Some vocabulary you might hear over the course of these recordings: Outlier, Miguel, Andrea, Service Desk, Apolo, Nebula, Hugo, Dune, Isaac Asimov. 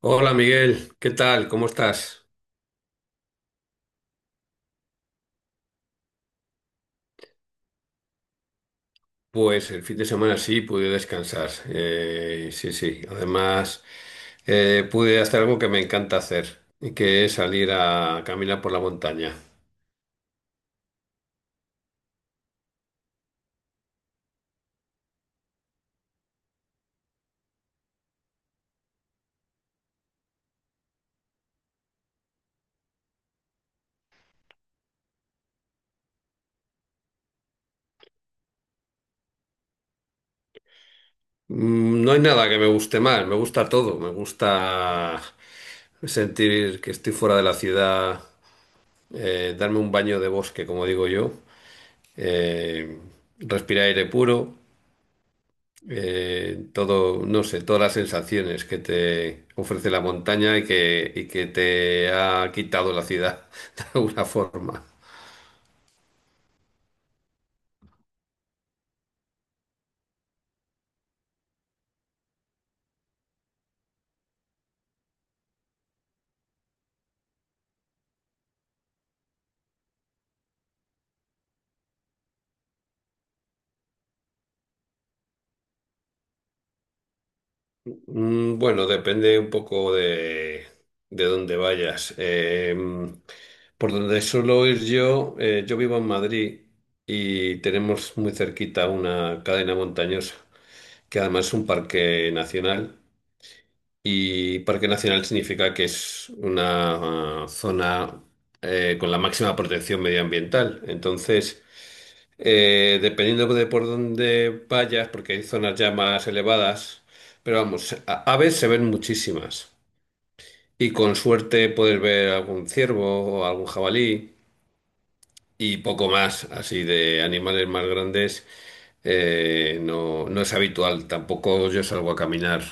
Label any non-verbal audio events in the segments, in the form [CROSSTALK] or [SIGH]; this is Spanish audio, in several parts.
Hola Miguel, ¿qué tal? ¿Cómo estás? Pues el fin de semana sí pude descansar. Sí, sí. Además, pude hacer algo que me encanta hacer, y que es salir a caminar por la montaña. Mm, no hay nada que me guste más, me gusta todo. Me gusta sentir que estoy fuera de la ciudad, darme un baño de bosque, como digo yo, eh, respirar aire puro. Todo, no sé, todas las sensaciones que te ofrece la montaña y que te ha quitado la ciudad [LAUGHS] de alguna forma. Mm, bueno, depende un poco de dónde vayas. Por donde suelo ir yo, yo vivo en Madrid y tenemos muy cerquita una cadena montañosa, que además es un parque nacional. Y parque nacional significa que es una zona con la máxima protección medioambiental. Entonces, dependiendo de por dónde vayas, porque hay zonas ya más elevadas, pero vamos, aves se ven muchísimas. Y con suerte puedes ver algún ciervo o algún jabalí y poco más, así de animales más grandes, no, no es habitual. Tampoco yo salgo a caminar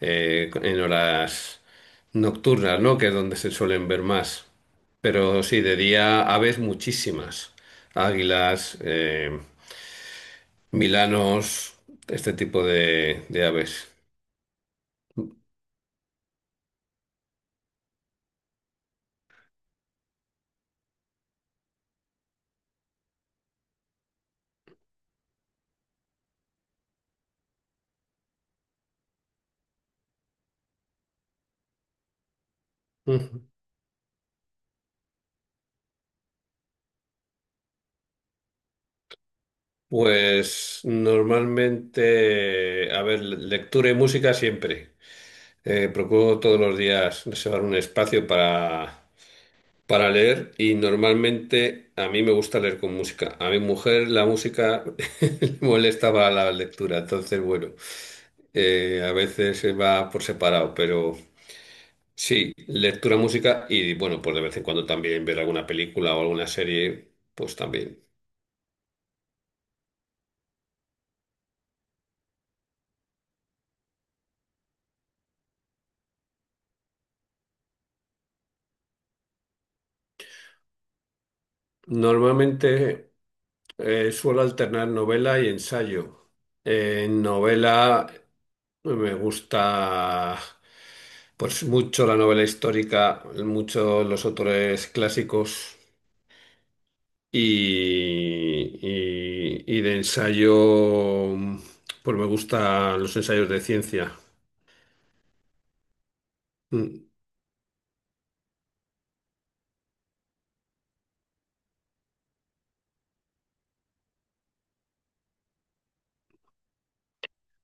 en horas nocturnas, ¿no? Que es donde se suelen ver más. Pero sí, de día aves muchísimas. Águilas, milanos, este tipo de aves. Ujú. Pues normalmente, a ver, lectura y música siempre. Procuro todos los días reservar un espacio para leer y normalmente a mí me gusta leer con música. A mi mujer la música [LAUGHS] le molesta para la lectura, entonces bueno, a veces se va por separado, pero sí, lectura, música y bueno, pues de vez en cuando también ver alguna película o alguna serie, pues también. Normalmente suelo alternar novela y ensayo. En novela, pues me gusta pues mucho la novela histórica, mucho los autores clásicos y, y de ensayo, pues me gustan los ensayos de ciencia. Mm.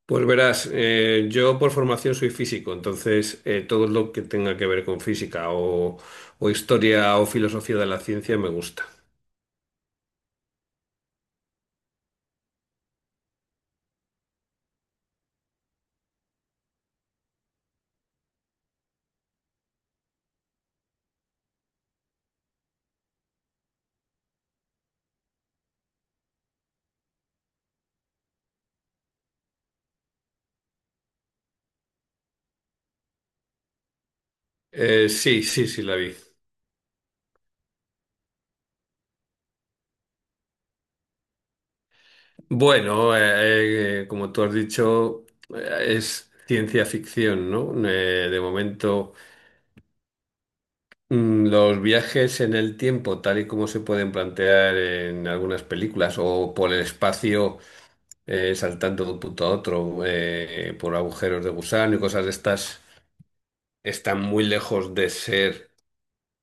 Pues verás, yo por formación soy físico, entonces todo lo que tenga que ver con física o historia o filosofía de la ciencia me gusta. Sí, sí, sí, la vi. Bueno, como tú has dicho, es ciencia ficción, ¿no? De momento, los viajes en el tiempo, tal y como se pueden plantear en algunas películas, o por el espacio, saltando de un punto a otro, por agujeros de gusano y cosas de estas, están muy lejos de ser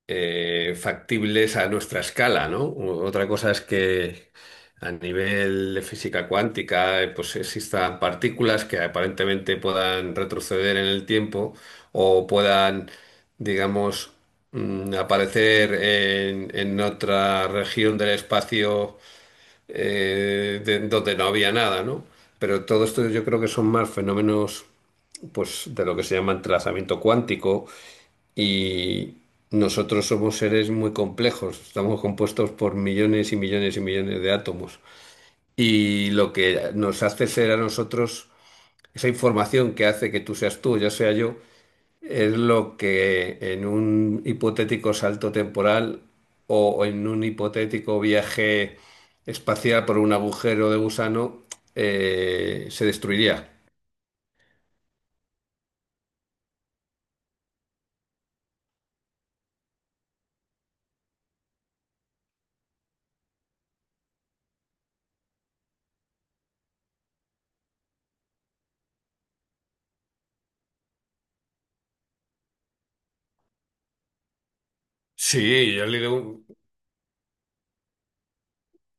factibles a nuestra escala, ¿no? Otra cosa es que a nivel de física cuántica, pues existan partículas que aparentemente puedan retroceder en el tiempo o puedan, digamos, aparecer en otra región del espacio donde no había nada, ¿no? Pero todo esto yo creo que son más fenómenos pues de lo que se llama entrelazamiento cuántico y nosotros somos seres muy complejos, estamos compuestos por millones y millones y millones de átomos. Y lo que nos hace ser a nosotros, esa información que hace que tú seas tú, yo sea yo, es lo que en un hipotético salto temporal o en un hipotético viaje espacial por un agujero de gusano se destruiría. Sí,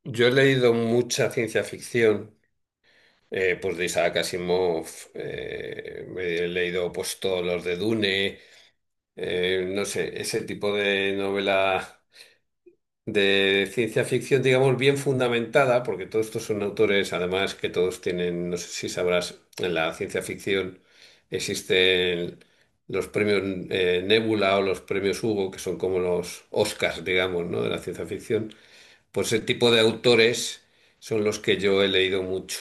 yo he leído mucha ciencia ficción. Pues de Isaac Asimov me he leído pues todos los de Dune, no sé, ese tipo de novela de ciencia ficción, digamos, bien fundamentada, porque todos estos son autores, además que todos tienen, no sé si sabrás, en la ciencia ficción existen los premios Nebula o los premios Hugo, que son como los Oscars, digamos, ¿no?, de la ciencia ficción. Pues ese tipo de autores son los que yo he leído mucho.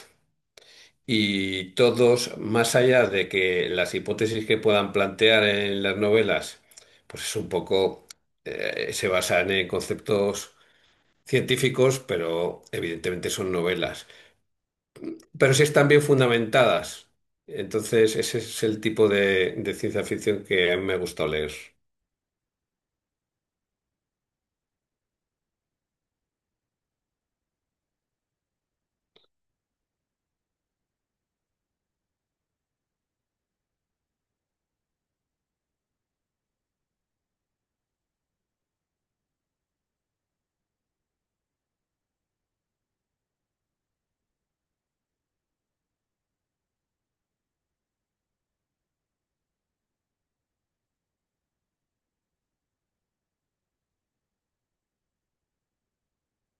Y todos, más allá de que las hipótesis que puedan plantear en las novelas, pues es un poco, se basan en conceptos científicos, pero evidentemente son novelas. Pero sí están bien fundamentadas. Entonces, ese es el tipo de ciencia ficción que a mí me gusta leer.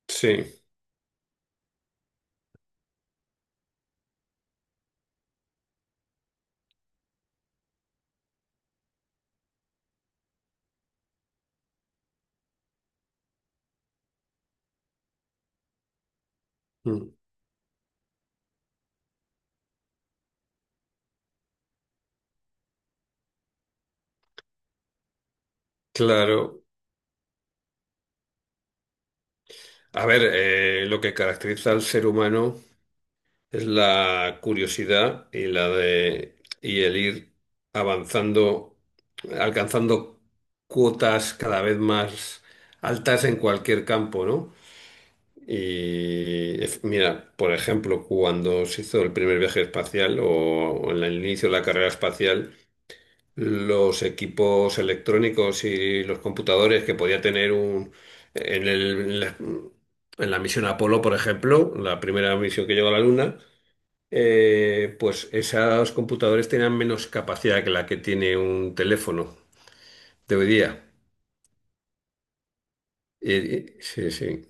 Sí, mm, claro. A ver, lo que caracteriza al ser humano es la curiosidad y la de y el ir avanzando, alcanzando cuotas cada vez más altas en cualquier campo, ¿no? Mira, por ejemplo, cuando se hizo el primer viaje espacial o en el inicio de la carrera espacial, los equipos electrónicos y los computadores que podía tener un en el- en la en la misión Apolo, por ejemplo, la primera misión que llegó a la Luna, pues esos computadores tenían menos capacidad que la que tiene un teléfono de hoy día. Sí, sí.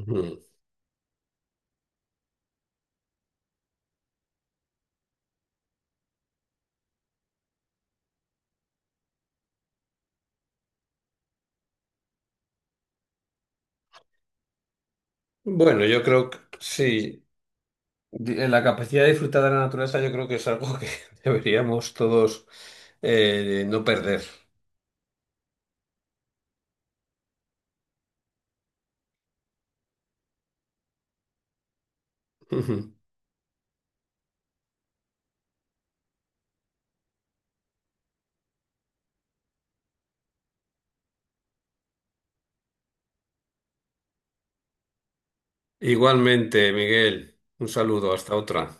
Ujú. Bueno, yo creo que sí. La capacidad de disfrutar de la naturaleza yo creo que es algo que [LAUGHS] deberíamos todos no perder. Ujú. Igualmente, Miguel, un saludo, hasta otra.